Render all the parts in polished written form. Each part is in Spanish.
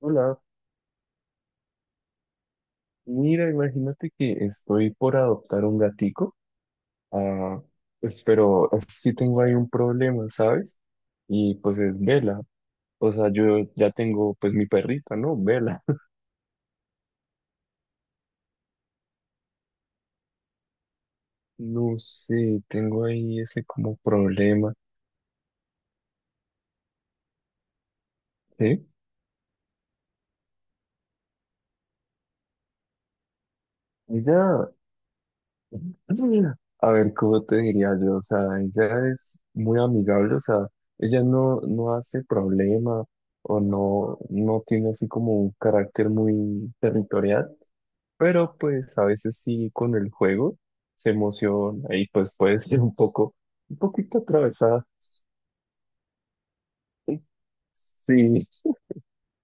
Hola, mira, imagínate que estoy por adoptar un gatico, ah, pues, pero es que tengo ahí un problema, ¿sabes? Y pues es Vela, o sea, yo ya tengo pues mi perrita, ¿no? Vela. No sé, tengo ahí ese como problema, ¿sí? Ella, a ver, ¿cómo te diría yo? O sea, ella es muy amigable, o sea, ella no hace problema o no tiene así como un carácter muy territorial. Pero pues a veces sí con el juego se emociona y pues puede ser un poco, un poquito atravesada. Sí,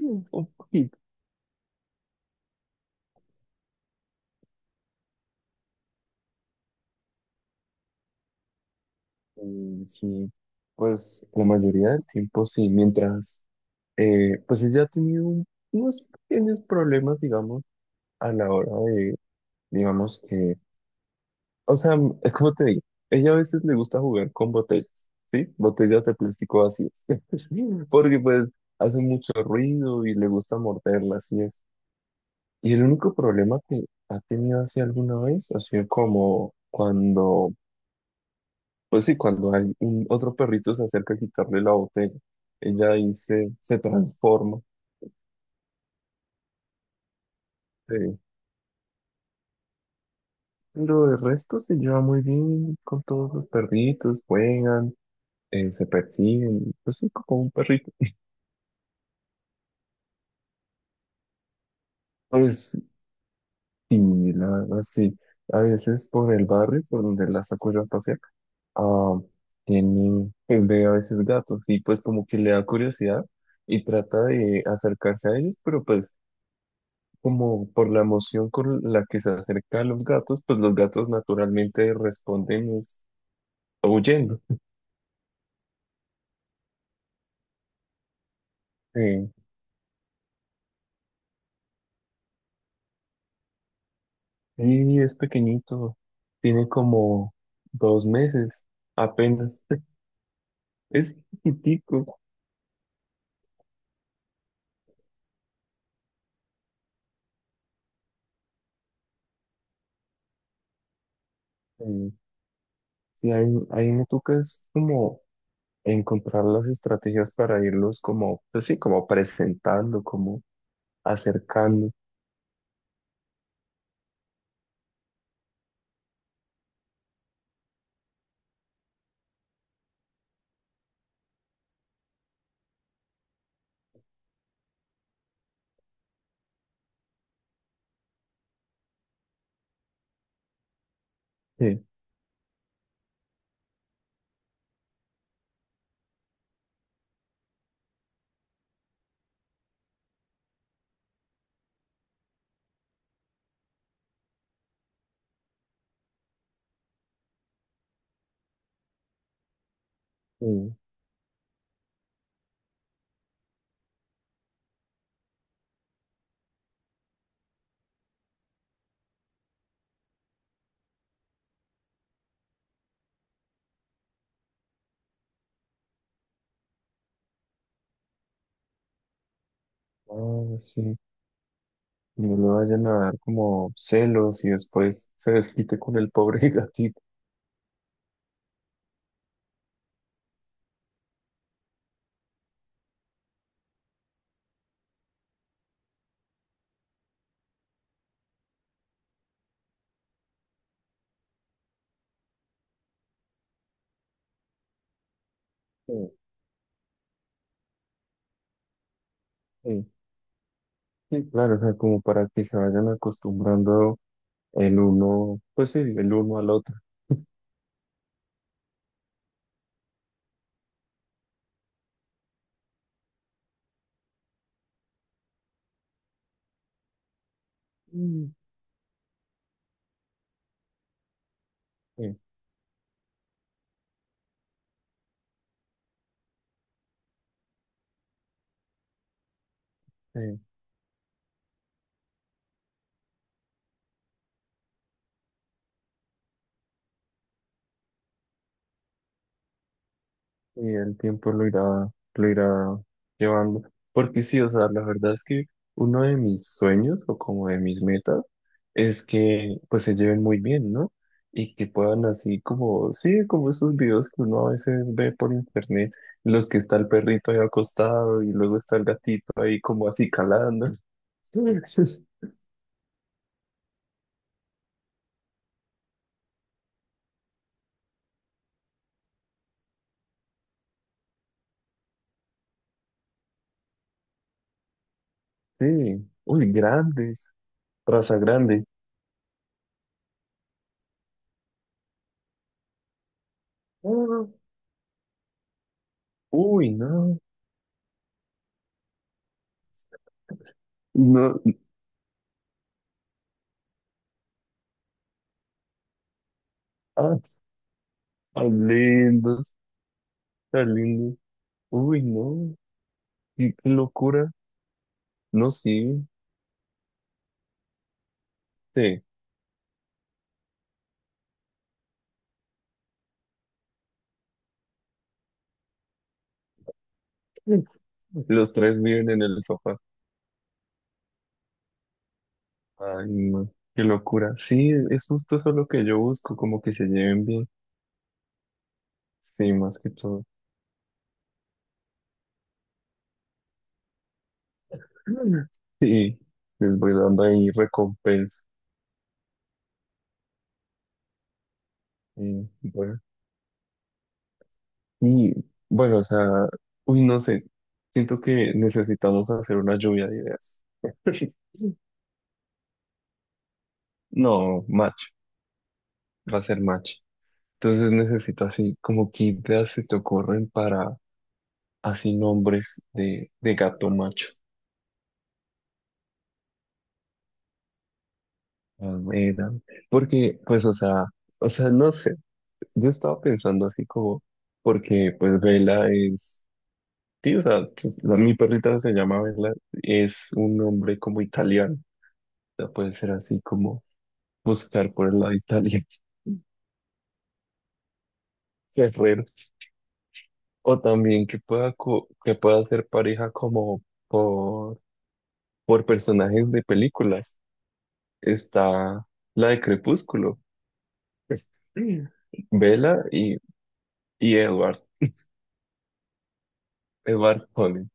un poquito. Sí, pues la mayoría del tiempo sí, mientras, pues ella ha tenido unos pequeños problemas, digamos, a la hora de, digamos que, o sea, es como te digo, ella a veces le gusta jugar con botellas, ¿sí? Botellas de plástico vacías, porque pues hace mucho ruido y le gusta morderlas, sí. Y el único problema que ha tenido así alguna vez ha sido como cuando, pues sí, cuando hay un otro perrito se acerca a quitarle la botella. Ella ahí se transforma. Sí. Pero de resto se lleva muy bien con todos los perritos, juegan, se persiguen, pues sí, como un perrito. Pues y la verdad, sí, a veces por el barrio, por donde la saco yo a pasear, ah, tiene, pues ve a veces gatos y pues como que le da curiosidad y trata de acercarse a ellos, pero pues como por la emoción con la que se acerca a los gatos, pues los gatos naturalmente responden es huyendo. Sí, y es pequeñito, tiene como dos meses apenas, es chiquitico. Sí, sí, hay una tuca es como... encontrar las estrategias para irlos como, pues sí, como presentando, como acercando, que que, ah, sí, no le vayan a dar como celos y después se desquite con el pobre gatito. Sí, sí, sí, claro, o sea, como para que se vayan acostumbrando el uno, pues sí, el uno al otro. Mm. Sí, sí. Y el tiempo lo irá llevando. Porque sí, o sea, la verdad es que uno de mis sueños o como de mis metas es que pues se lleven muy bien, ¿no? Y que puedan así como, sí, como esos videos que uno a veces ve por internet, en los que está el perrito ahí acostado y luego está el gatito ahí como así calando. Sí, uy, grandes, raza grande. Ah, uy, no, no, ah, tan lindos. Está lindo. Uy, no, qué, qué locura. No, sí, sí. Los tres viven en el sofá. Ay, no, qué locura. Sí, es justo eso lo que yo busco, como que se lleven bien. Sí, más que todo. Sí, les voy dando ahí recompensa. Y bueno, y bueno, o sea, uy, no sé. Siento que necesitamos hacer una lluvia de ideas. No, match, va a ser match. Entonces necesito así como qué ideas se te ocurren para así nombres de gato macho. A ver, porque pues o sea, no sé, yo estaba pensando así como, porque pues Vela es, sí, o sea, pues, mi perrita se llama Vela, es un nombre como italiano, o sea, puede ser así como buscar por el lado italiano, guerrero, o también que pueda, que pueda ser pareja como por, por personajes de películas. Está la de Crepúsculo, Bella y Edward, Edward Cullen,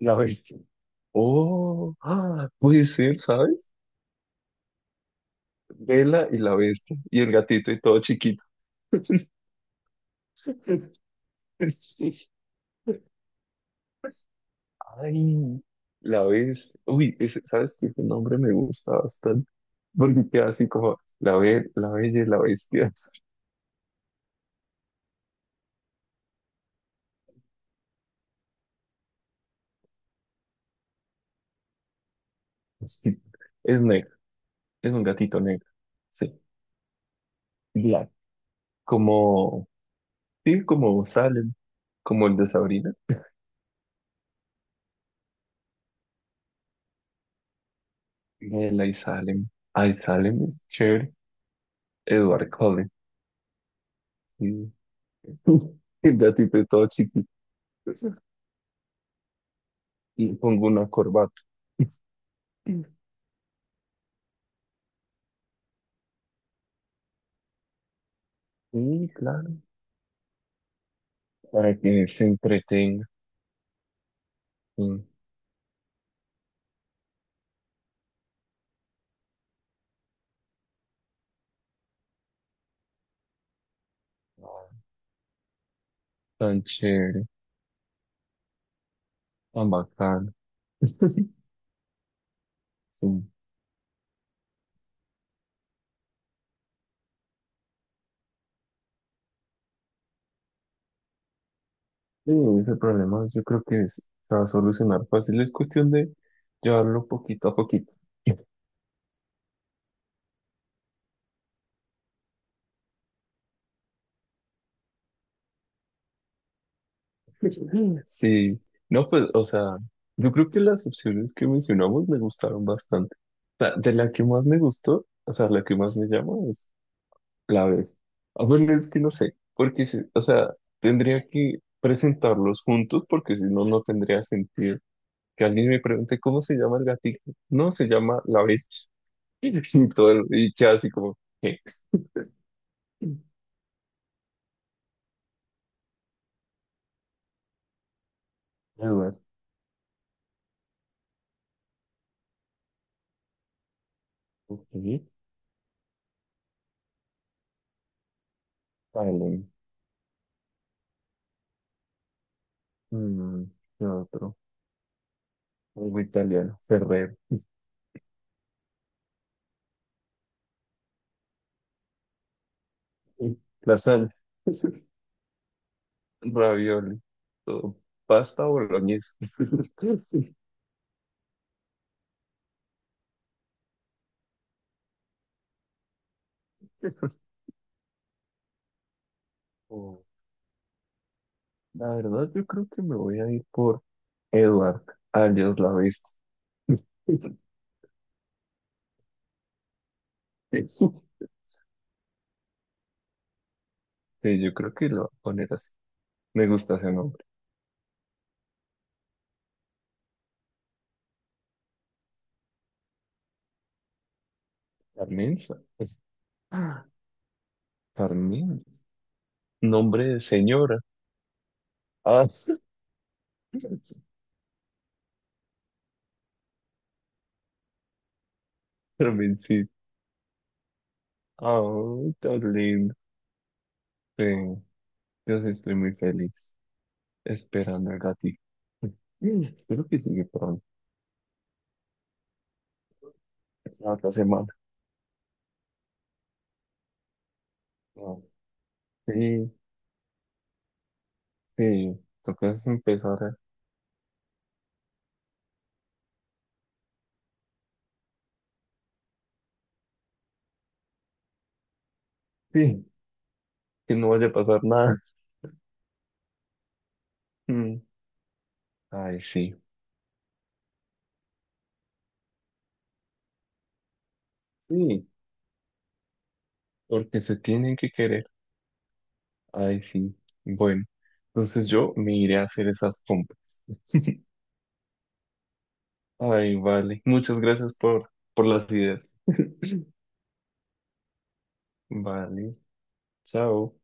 la bestia. Oh, ah, puede ser, ¿sabes? Bella y la bestia, y el gatito y todo chiquito. Sí. Ay, la bestia. Uy, ¿sabes qué? Ese nombre me gusta bastante, porque queda así como la, la bella y la bestia. Sí. Es negro, es un gatito negro. Sí, black. Como, sí, como sale, como el de Sabrina, el Aisalem. Aisalem es chévere. Edward Cullen. Y el gatito es todo chiquito. Y pongo una corbata. Sí, claro. Para que se entretenga. Sí. Tan chévere, tan bacano. Sí. Sí, ese problema yo creo que se va a solucionar fácil. Es cuestión de llevarlo poquito a poquito. Sí, no, pues, o sea, yo creo que las opciones que mencionamos me gustaron bastante. O sea, de la que más me gustó, o sea, la que más me llama es la vez. A ver, es que no sé, porque, o sea, tendría que presentarlos juntos porque si no, no tendría sentido que alguien me pregunte cómo se llama el gatito. No, se llama la bestia. Y todo, y queda así como, ¿qué? A ok, vale. Mm, ¿qué otro? Algo italiano, Ferrero. Sí. Lasaña, ravioli, todo. Pasta boloñesa. Oh, la verdad, yo creo que me voy a ir por Edward, alias la bestia. Sí, yo creo que lo voy a poner así. Me gusta ese nombre. Carmenza. Carmen. Nombre de señora. Ah, Carmencita. Oh, tan lindo. Sí, yo sí estoy muy feliz esperando al gatito. Espero que llegue pronto. La otra semana. No. Sí, sí, toca es empezar. Sí, que no vaya a pasar nada. Mm. Ay, sí, sí, porque se tienen que querer. Ay, sí. Bueno, entonces yo me iré a hacer esas compras. Ay, vale. Muchas gracias por las ideas. Vale, chao.